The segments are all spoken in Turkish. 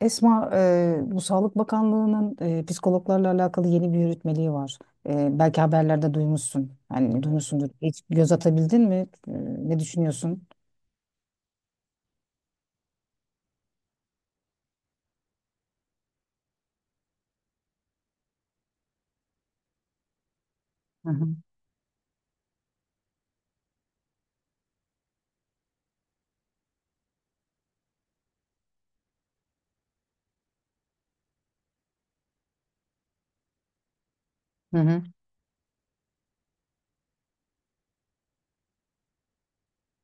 Esma, bu Sağlık Bakanlığı'nın psikologlarla alakalı yeni bir yürütmeliği var. Belki haberlerde duymuşsun. Yani duymuşsundur. Hiç göz atabildin mi? E, Ne düşünüyorsun? Hı hı. Hı hı.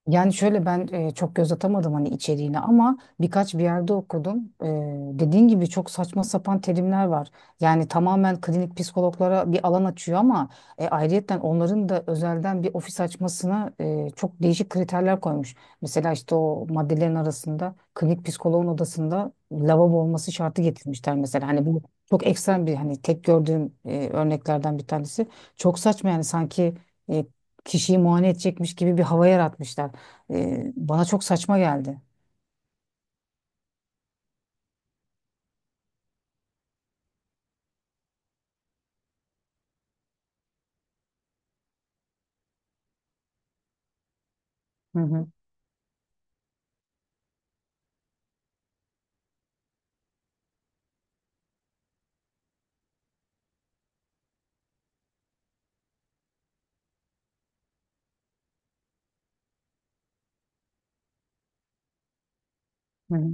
Yani şöyle ben çok göz atamadım hani içeriğine ama birkaç bir yerde okudum. Dediğin gibi çok saçma sapan terimler var. Yani tamamen klinik psikologlara bir alan açıyor ama ayrıyetten onların da özelden bir ofis açmasına çok değişik kriterler koymuş. Mesela işte o maddelerin arasında klinik psikoloğun odasında lavabo olması şartı getirmişler mesela. Hani bu çok ekstrem bir hani tek gördüğüm örneklerden bir tanesi. Çok saçma yani sanki e, kişiyi muayene edecekmiş gibi bir hava yaratmışlar. Bana çok saçma geldi. Hı hı, hı hı.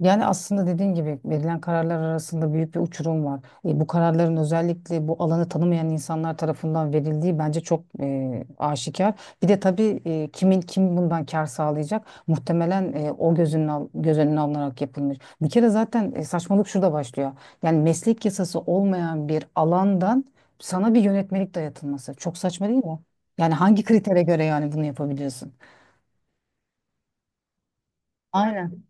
Yani aslında dediğin gibi verilen kararlar arasında büyük bir uçurum var. Bu kararların özellikle bu alanı tanımayan insanlar tarafından verildiği bence çok aşikar. Bir de tabii kim bundan kar sağlayacak? Muhtemelen o göz önüne alınarak yapılmış. Bir kere zaten saçmalık şurada başlıyor. Yani meslek yasası olmayan bir alandan sana bir yönetmelik dayatılması. Çok saçma değil mi? Yani hangi kritere göre yani bunu yapabiliyorsun? Aynen.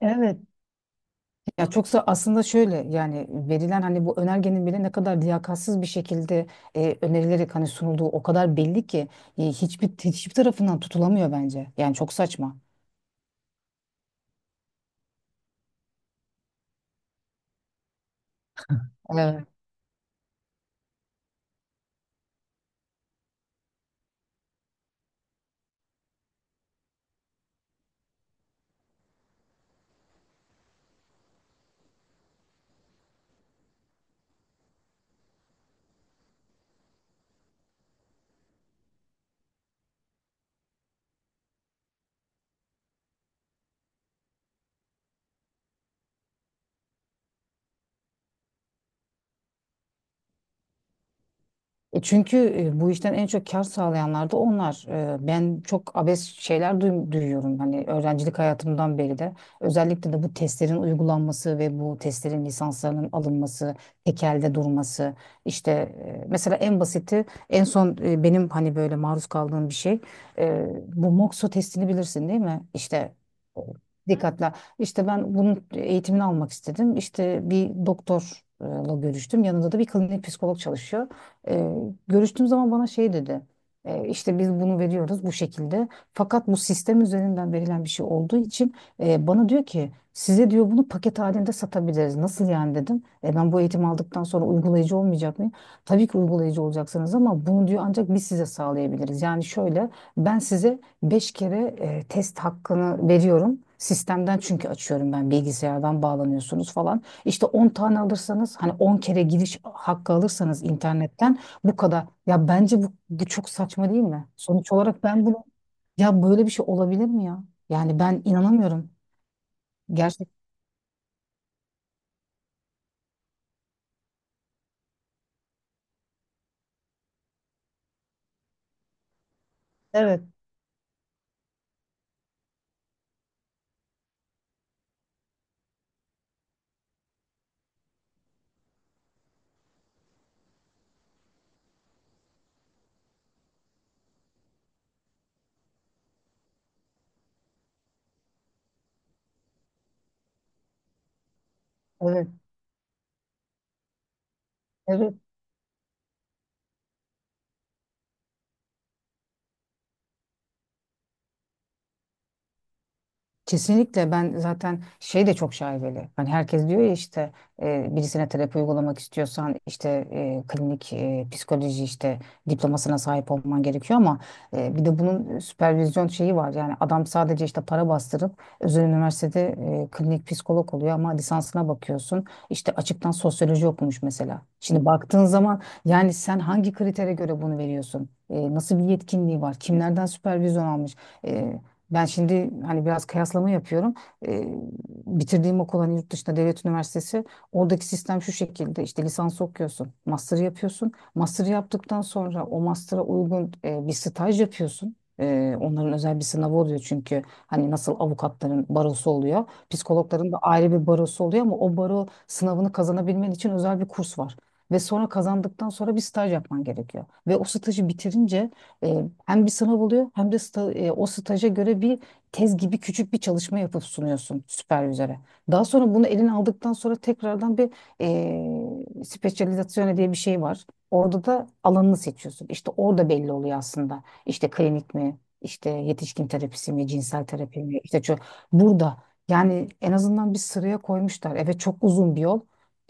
Evet. Ya çoksa aslında şöyle yani verilen hani bu önergenin bile ne kadar liyakatsız bir şekilde önerilerek hani sunulduğu o kadar belli ki hiçbir tarafından tutulamıyor bence. Yani çok saçma. Çünkü bu işten en çok kar sağlayanlar da onlar. Ben çok abes şeyler duyuyorum. Hani öğrencilik hayatımdan beri de. Özellikle de bu testlerin uygulanması ve bu testlerin lisanslarının alınması, tekelde durması. İşte mesela en basiti, en son benim hani böyle maruz kaldığım bir şey. e, Bu MOXO testini bilirsin değil mi? İşte e, dikkatle. İşte ben bunun eğitimini almak istedim. İşte bir doktorla görüştüm. Yanında da bir klinik psikolog çalışıyor. Ee, Görüştüğüm zaman bana şey dedi. İşte biz bunu veriyoruz bu şekilde. Fakat bu sistem üzerinden verilen bir şey olduğu için bana diyor ki size diyor bunu paket halinde satabiliriz. Nasıl yani dedim. Ben bu eğitimi aldıktan sonra uygulayıcı olmayacak mıyım? Tabii ki uygulayıcı olacaksınız ama bunu diyor ancak biz size sağlayabiliriz. Yani şöyle ben size beş kere test hakkını veriyorum. Sistemden çünkü açıyorum ben bilgisayardan bağlanıyorsunuz falan. İşte 10 tane alırsanız hani 10 kere giriş hakkı alırsanız internetten bu kadar. Ya bence bu çok saçma değil mi? Sonuç olarak ben bunu ya böyle bir şey olabilir mi ya? Yani ben inanamıyorum. Gerçek. Evet, evet, evet. Kesinlikle ben zaten şey de çok şaibeli. Hani herkes diyor ya işte birisine terapi uygulamak istiyorsan işte klinik psikoloji işte diplomasına sahip olman gerekiyor ama bir de bunun süpervizyon şeyi var. Yani adam sadece işte para bastırıp özel üniversitede klinik psikolog oluyor ama lisansına bakıyorsun işte açıktan sosyoloji okumuş mesela. Şimdi baktığın zaman yani sen hangi kritere göre bunu veriyorsun? Nasıl bir yetkinliği var? Kimlerden süpervizyon almış? E, Ben şimdi hani biraz kıyaslama yapıyorum. Ee, Bitirdiğim okul hani yurt dışında devlet üniversitesi. Oradaki sistem şu şekilde işte lisans okuyorsun, master yapıyorsun. Master yaptıktan sonra o master'a uygun bir staj yapıyorsun. Onların özel bir sınavı oluyor çünkü hani nasıl avukatların barosu oluyor, psikologların da ayrı bir barosu oluyor ama o baro sınavını kazanabilmen için özel bir kurs var. Ve sonra kazandıktan sonra bir staj yapman gerekiyor. Ve o stajı bitirince hem bir sınav oluyor hem de o staja göre bir tez gibi küçük bir çalışma yapıp sunuyorsun süpervizöre. Daha sonra bunu eline aldıktan sonra tekrardan bir specializzazione diye bir şey var. Orada da alanını seçiyorsun. İşte orada belli oluyor aslında. İşte klinik mi, işte yetişkin terapisi mi, cinsel terapi mi, burada yani en azından bir sıraya koymuşlar. Evet çok uzun bir yol,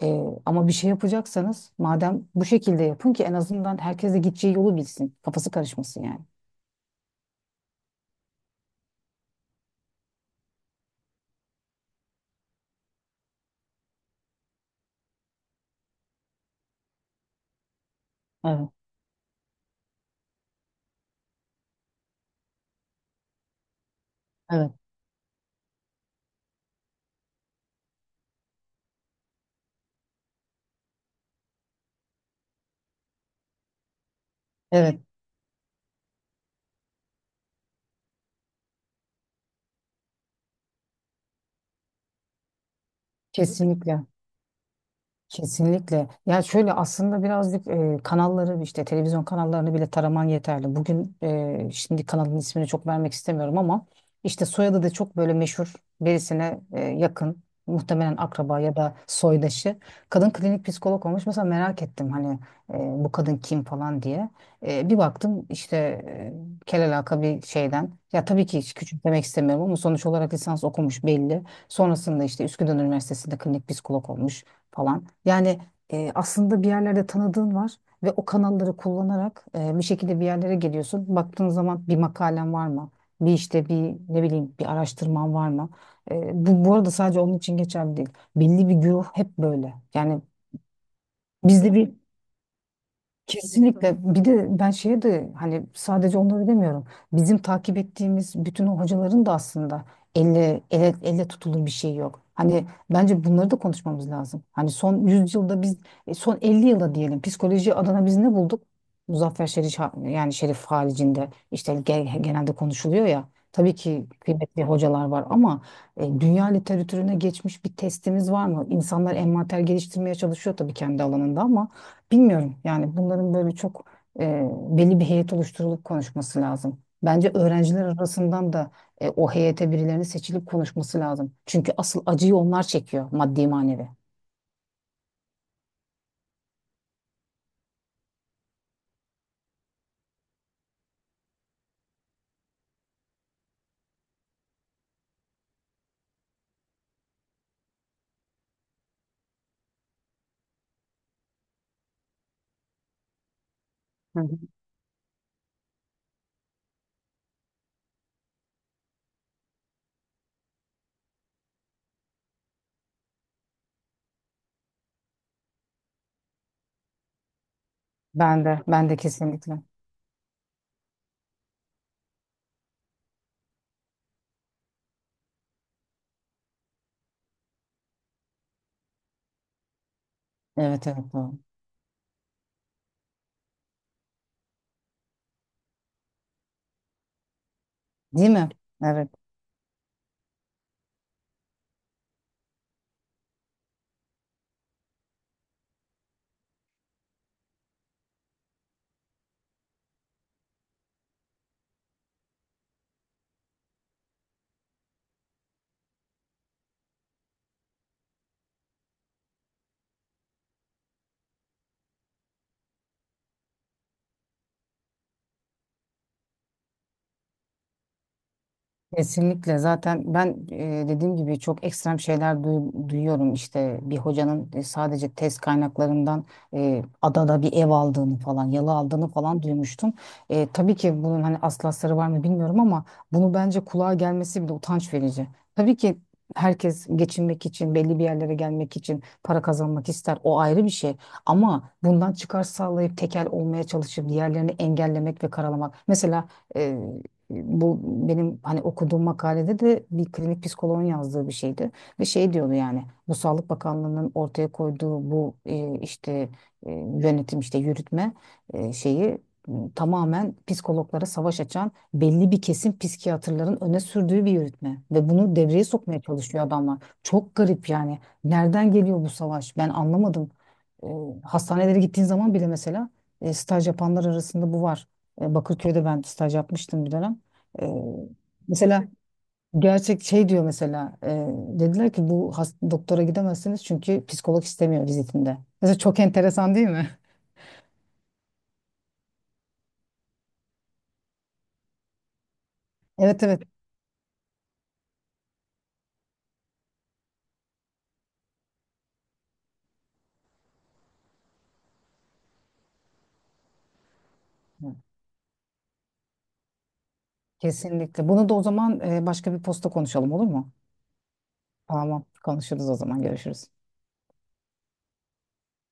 ama bir şey yapacaksanız madem bu şekilde yapın ki en azından herkes de gideceği yolu bilsin. Kafası karışmasın yani. Evet, evet, evet. Kesinlikle. Kesinlikle. Ya şöyle aslında birazcık kanalları işte televizyon kanallarını bile taraman yeterli. Bugün şimdi kanalın ismini çok vermek istemiyorum ama işte soyadı da çok böyle meşhur birisine yakın muhtemelen akraba ya da soydaşı. Kadın klinik psikolog olmuş. Mesela merak ettim hani bu kadın kim falan diye. Bir baktım işte kelalaka bir şeyden. Ya tabii ki hiç küçümsemek istemiyorum ama sonuç olarak lisans okumuş belli. Sonrasında işte Üsküdar Üniversitesi'nde klinik psikolog olmuş falan. Yani aslında bir yerlerde tanıdığın var ve o kanalları kullanarak bir şekilde bir yerlere geliyorsun. Baktığın zaman bir makalen var mı? Bir işte bir ne bileyim bir araştırman var mı? Bu arada sadece onun için geçerli değil. Belli bir güruh hep böyle. Yani bizde bir. Kesinlikle. Bir de ben şeye de hani sadece onları demiyorum. Bizim takip ettiğimiz bütün o hocaların da aslında elle tutulur bir şey yok. Hani bence bunları da konuşmamız lazım. Hani son 100 yılda biz son 50 yılda diyelim psikoloji adına biz ne bulduk? Muzaffer Şerif yani Şerif haricinde işte genelde konuşuluyor ya. Tabii ki kıymetli hocalar var ama dünya literatürüne geçmiş bir testimiz var mı? İnsanlar envanter geliştirmeye çalışıyor tabii kendi alanında ama bilmiyorum yani bunların böyle çok e, belli bir heyet oluşturulup konuşması lazım. Bence öğrenciler arasından da o heyete birilerinin seçilip konuşması lazım. Çünkü asıl acıyı onlar çekiyor maddi manevi. Hı hı. Ben de kesinlikle. Evet evet doğru. Değil mi? Evet. Kesinlikle zaten ben dediğim gibi çok ekstrem şeyler duyuyorum işte bir hocanın sadece test kaynaklarından adada bir ev aldığını falan yalı aldığını falan duymuştum. Tabii ki bunun hani aslı var mı bilmiyorum ama bunu bence kulağa gelmesi bile utanç verici. Tabii ki herkes geçinmek için belli bir yerlere gelmek için para kazanmak ister o ayrı bir şey ama bundan çıkar sağlayıp tekel olmaya çalışıp diğerlerini engellemek ve karalamak. Mesela bu benim hani okuduğum makalede de bir klinik psikoloğun yazdığı bir şeydi. Ve şey diyordu yani bu Sağlık Bakanlığı'nın ortaya koyduğu bu işte yönetim işte yürütme şeyi tamamen psikologlara savaş açan belli bir kesim psikiyatrların öne sürdüğü bir yürütme. Ve bunu devreye sokmaya çalışıyor adamlar. Çok garip yani. Nereden geliyor bu savaş? Ben anlamadım. E, Hastanelere gittiğin zaman bile mesela staj yapanlar arasında bu var. Bakırköy'de ben staj yapmıştım bir dönem. Ee, Mesela gerçek şey diyor mesela dediler ki bu doktora gidemezsiniz çünkü psikolog istemiyor vizitinde. Mesela çok enteresan değil mi? Evet evet. Kesinlikle. Bunu da o zaman başka bir posta konuşalım olur mu? Tamam. Konuşuruz o zaman. Görüşürüz.